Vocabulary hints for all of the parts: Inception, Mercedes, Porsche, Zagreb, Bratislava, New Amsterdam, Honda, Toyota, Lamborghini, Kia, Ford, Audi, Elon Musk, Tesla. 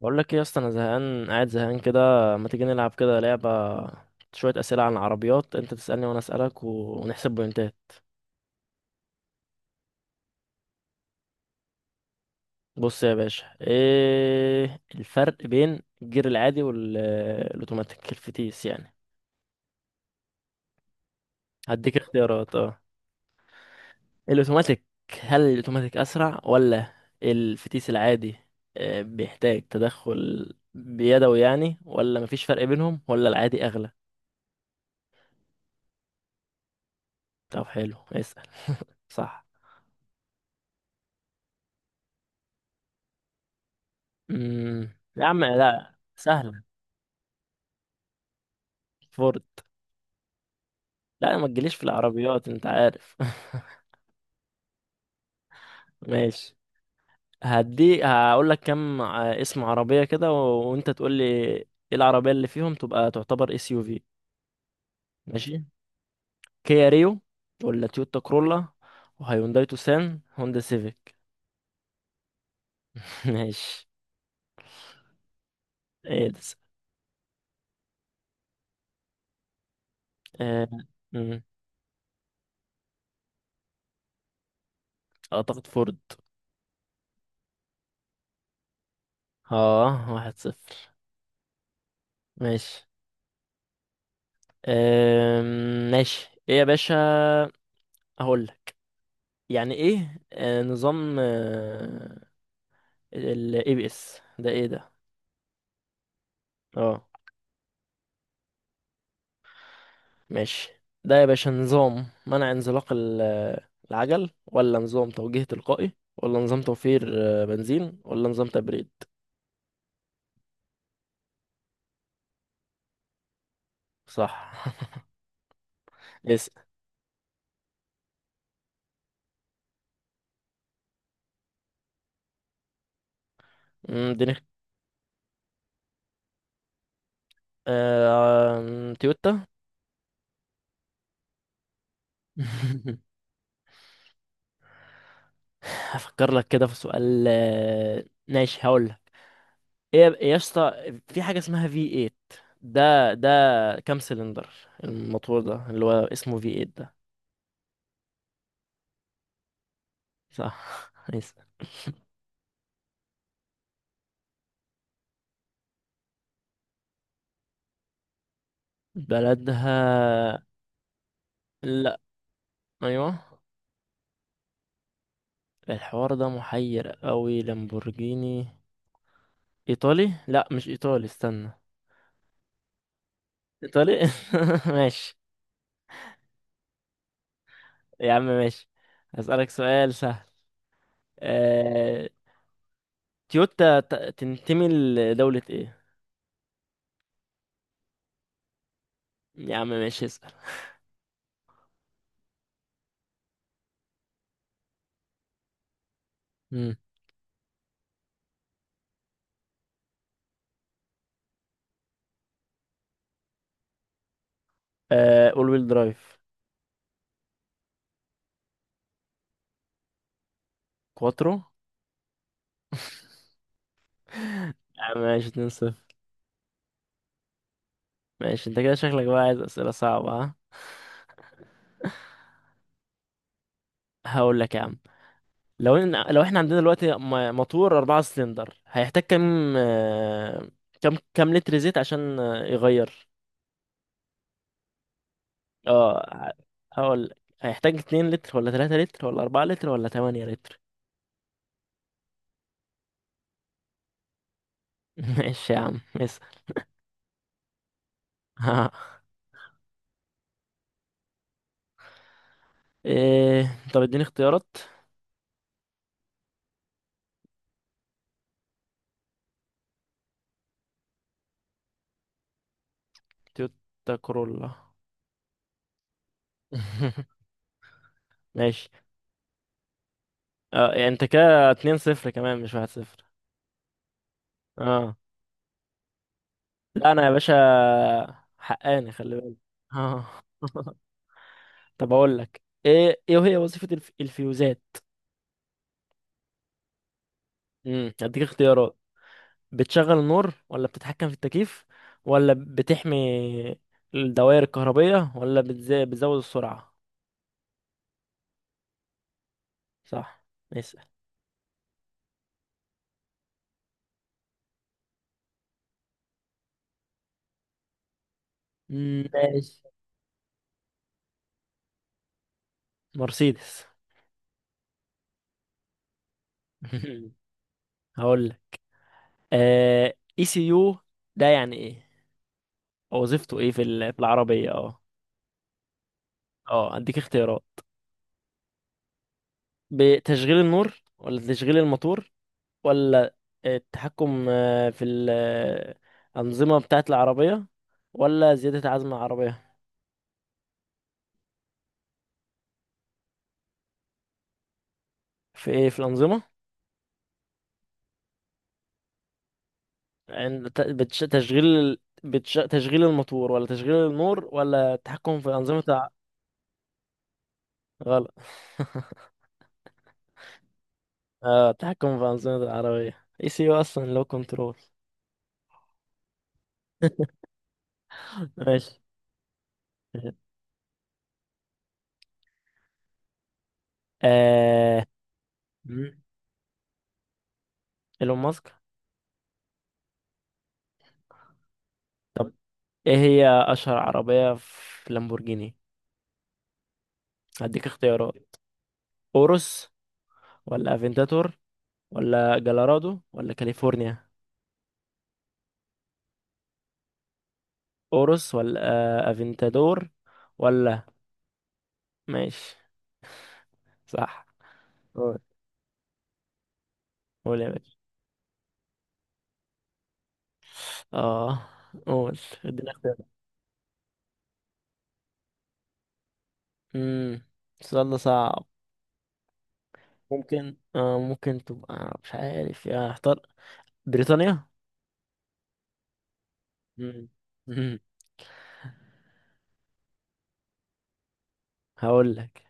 بقول لك ايه يا اسطى، انا زهقان قاعد زهقان كده. ما تيجي نلعب كده لعبه، شويه اسئله عن العربيات، انت تسالني وانا اسالك ونحسب بوينتات. بص يا باشا، ايه الفرق بين الجير العادي والاوتوماتيك، الفتيس يعني؟ هديك اختيارات. اه، الاوتوماتيك. هل الاوتوماتيك اسرع ولا الفتيس العادي؟ بيحتاج تدخل بيدوي يعني، ولا مفيش فرق بينهم، ولا العادي اغلى؟ طب حلو اسال. صح. يا عم، لا سهل. فورد. لا ما تجيليش في العربيات انت عارف. ماشي. هدي هقول لك كم اسم عربية كده وانت تقول لي ايه العربية اللي فيهم تبقى تعتبر اس يو في. ماشي. كيا ريو، ولا تويوتا كرولا، وهيونداي توسان، هوندا سيفيك. ماشي. ايه ده؟ اه... مم. اعتقد فورد. اه، واحد صفر. ماشي. ماشي، ايه يا باشا؟ هقول لك. يعني ايه نظام الاي بي اس ده؟ ايه ده؟ اه. ماشي. ده يا باشا نظام منع انزلاق العجل، ولا نظام توجيه تلقائي، ولا نظام توفير بنزين، ولا نظام تبريد؟ صح. اسأل. اديني آه، آم، تويوتا. هفكر لك كده في سؤال. ماشي. هقول لك. ايه يا اسطى، في حاجة اسمها في 8؟ ده كام سلندر الموتور ده، اللي هو اسمه في 8 ده؟ صح. اسأل. بلدها. لا. ايوه. الحوار ده محير قوي. لامبورجيني ايطالي. لا مش ايطالي استنى. ايطالي. ماشي. يا عم ماشي. هسألك سؤال سهل. آه... تويوتا تنتمي لدولة ايه؟ يا عم ماشي اسأل. مم. آه... اول ويل درايف. كواترو. يا عم ماشي 2 صفر. ماشي. انت كده شكلك بقى عايز اسئلة صعبة، ها؟ هقول لك يا عم. لو احنا عندنا دلوقتي موتور أربعة سلندر، هيحتاج كام كام لتر زيت عشان يغير؟ اه. هقول. هيحتاج اتنين لتر، ولا تلاتة لتر، ولا أربعة لتر، ولا تمانية لتر؟ ماشي يا عم اسأل. إيه؟ طب اديني اختيارات. تويوتا كورولا. ماشي. اه، يعني انت كده اتنين صفر كمان، مش واحد صفر؟ اه. لا انا يا باشا حقاني خلي بالك. اه. طب اقول لك ايه. ايه هي وظيفة الفيوزات؟ هديك اختيارات. بتشغل النور، ولا بتتحكم في التكييف، ولا بتحمي الدوائر الكهربية، ولا بتزود السرعة؟ صح. اسأل. مم، ماشي. مرسيدس. هقول لك. آه... اي سي يو ده يعني ايه أو وظيفته ايه في في العربية؟ اه. اه، هديك اختيارات. بتشغيل النور، ولا تشغيل الموتور، ولا التحكم في الأنظمة بتاعة العربية، ولا زيادة عزم العربية؟ في ايه؟ في الأنظمة. عند تشغيل تشغيل الموتور، ولا تشغيل النور، ولا التحكم في أنظمة غلط. اه، التحكم في أنظمة العربية، اي سي يو اصلا لو كنترول. ماشي. آه... مم. ايلون ماسك. ايه هي اشهر عربية في لامبورجيني؟ هديك اختيارات. اورس، ولا افنتاتور، ولا جلورادو، ولا كاليفورنيا. اوروس، ولا افنتادور، ولا. ماشي. صح. قول. قول يا باشا. اه. قول. ادينا اختيار. امم السؤال ده صعب. ممكن تبقى مش عارف. يا اختار بريطانيا. مم. مم. هقول لك.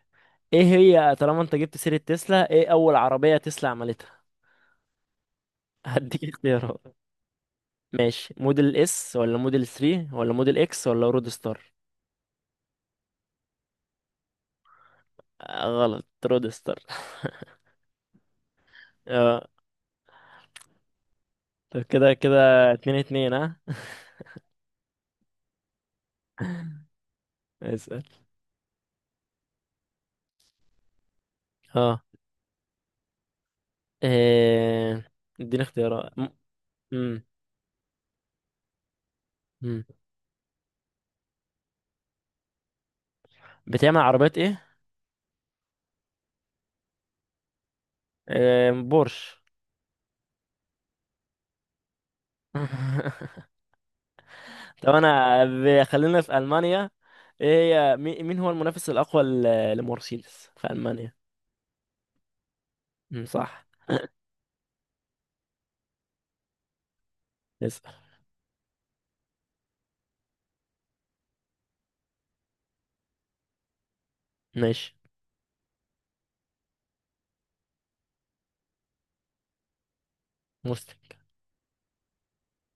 ايه هي طالما انت جبت سيرة تسلا، ايه اول عربية تسلا عملتها؟ هديك اختيارات. ماشي. موديل اس، ولا موديل 3، ولا موديل اكس، ولا رود ستار؟ آه، غلط. رودستر. اه. طب كده كده اتنين اتنين ها. اسأل. اه. إيه... اديني اختيارات مم. مم. بتعمل عربيات ايه؟ إيه... بورش. طب انا خلينا في المانيا. ايه هي مين هو المنافس الاقوى لمرسيدس في المانيا؟ مم، صح. اسأل. ماشي. مسلم.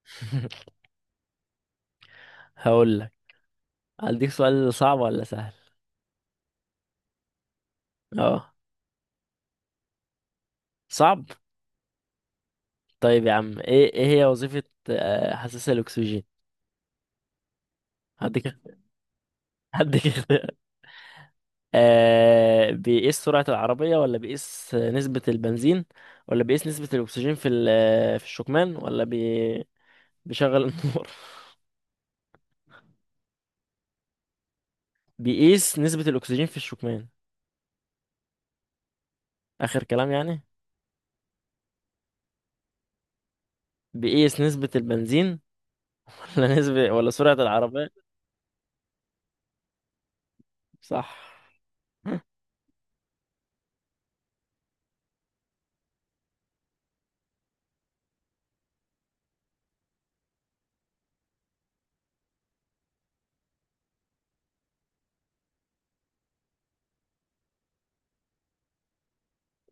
هقول لك. هديك سؤال صعب ولا سهل؟ اه، صعب. طيب يا عم، ايه هي وظيفة حساس الأكسجين؟ هديك. هديك اختيار. آه، بيقيس سرعة العربية، ولا بيقيس نسبة البنزين، ولا بيقيس نسبة الأكسجين في في الشكمان، ولا بيشغل النور؟ بيقيس نسبة الأكسجين في الشكمان، آخر كلام يعني. بيقيس نسبة البنزين. ولا نسبة ولا سرعة العربية. صح.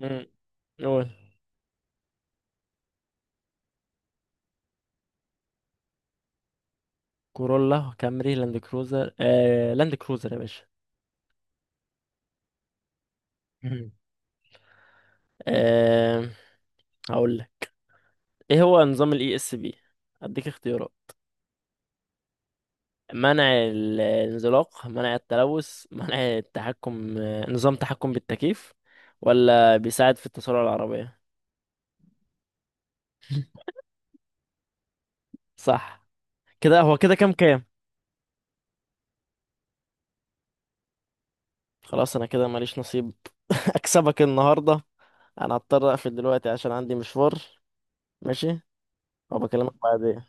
مم. قول. كورولا، كامري، لاند كروزر، آه لاند كروزر يا باشا. آه. هقول لك. ايه هو نظام الاي اس بي؟ اديك اختيارات. منع الانزلاق، منع التلوث، منع التحكم، نظام تحكم بالتكييف، ولا بيساعد في التسارع العربية؟ صح. كده هو كده كام. خلاص انا كده ماليش نصيب. اكسبك النهاردة. انا هضطر اقفل دلوقتي عشان عندي مشوار. ماشي. وبكلمك بعدين.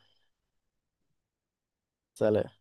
سلام.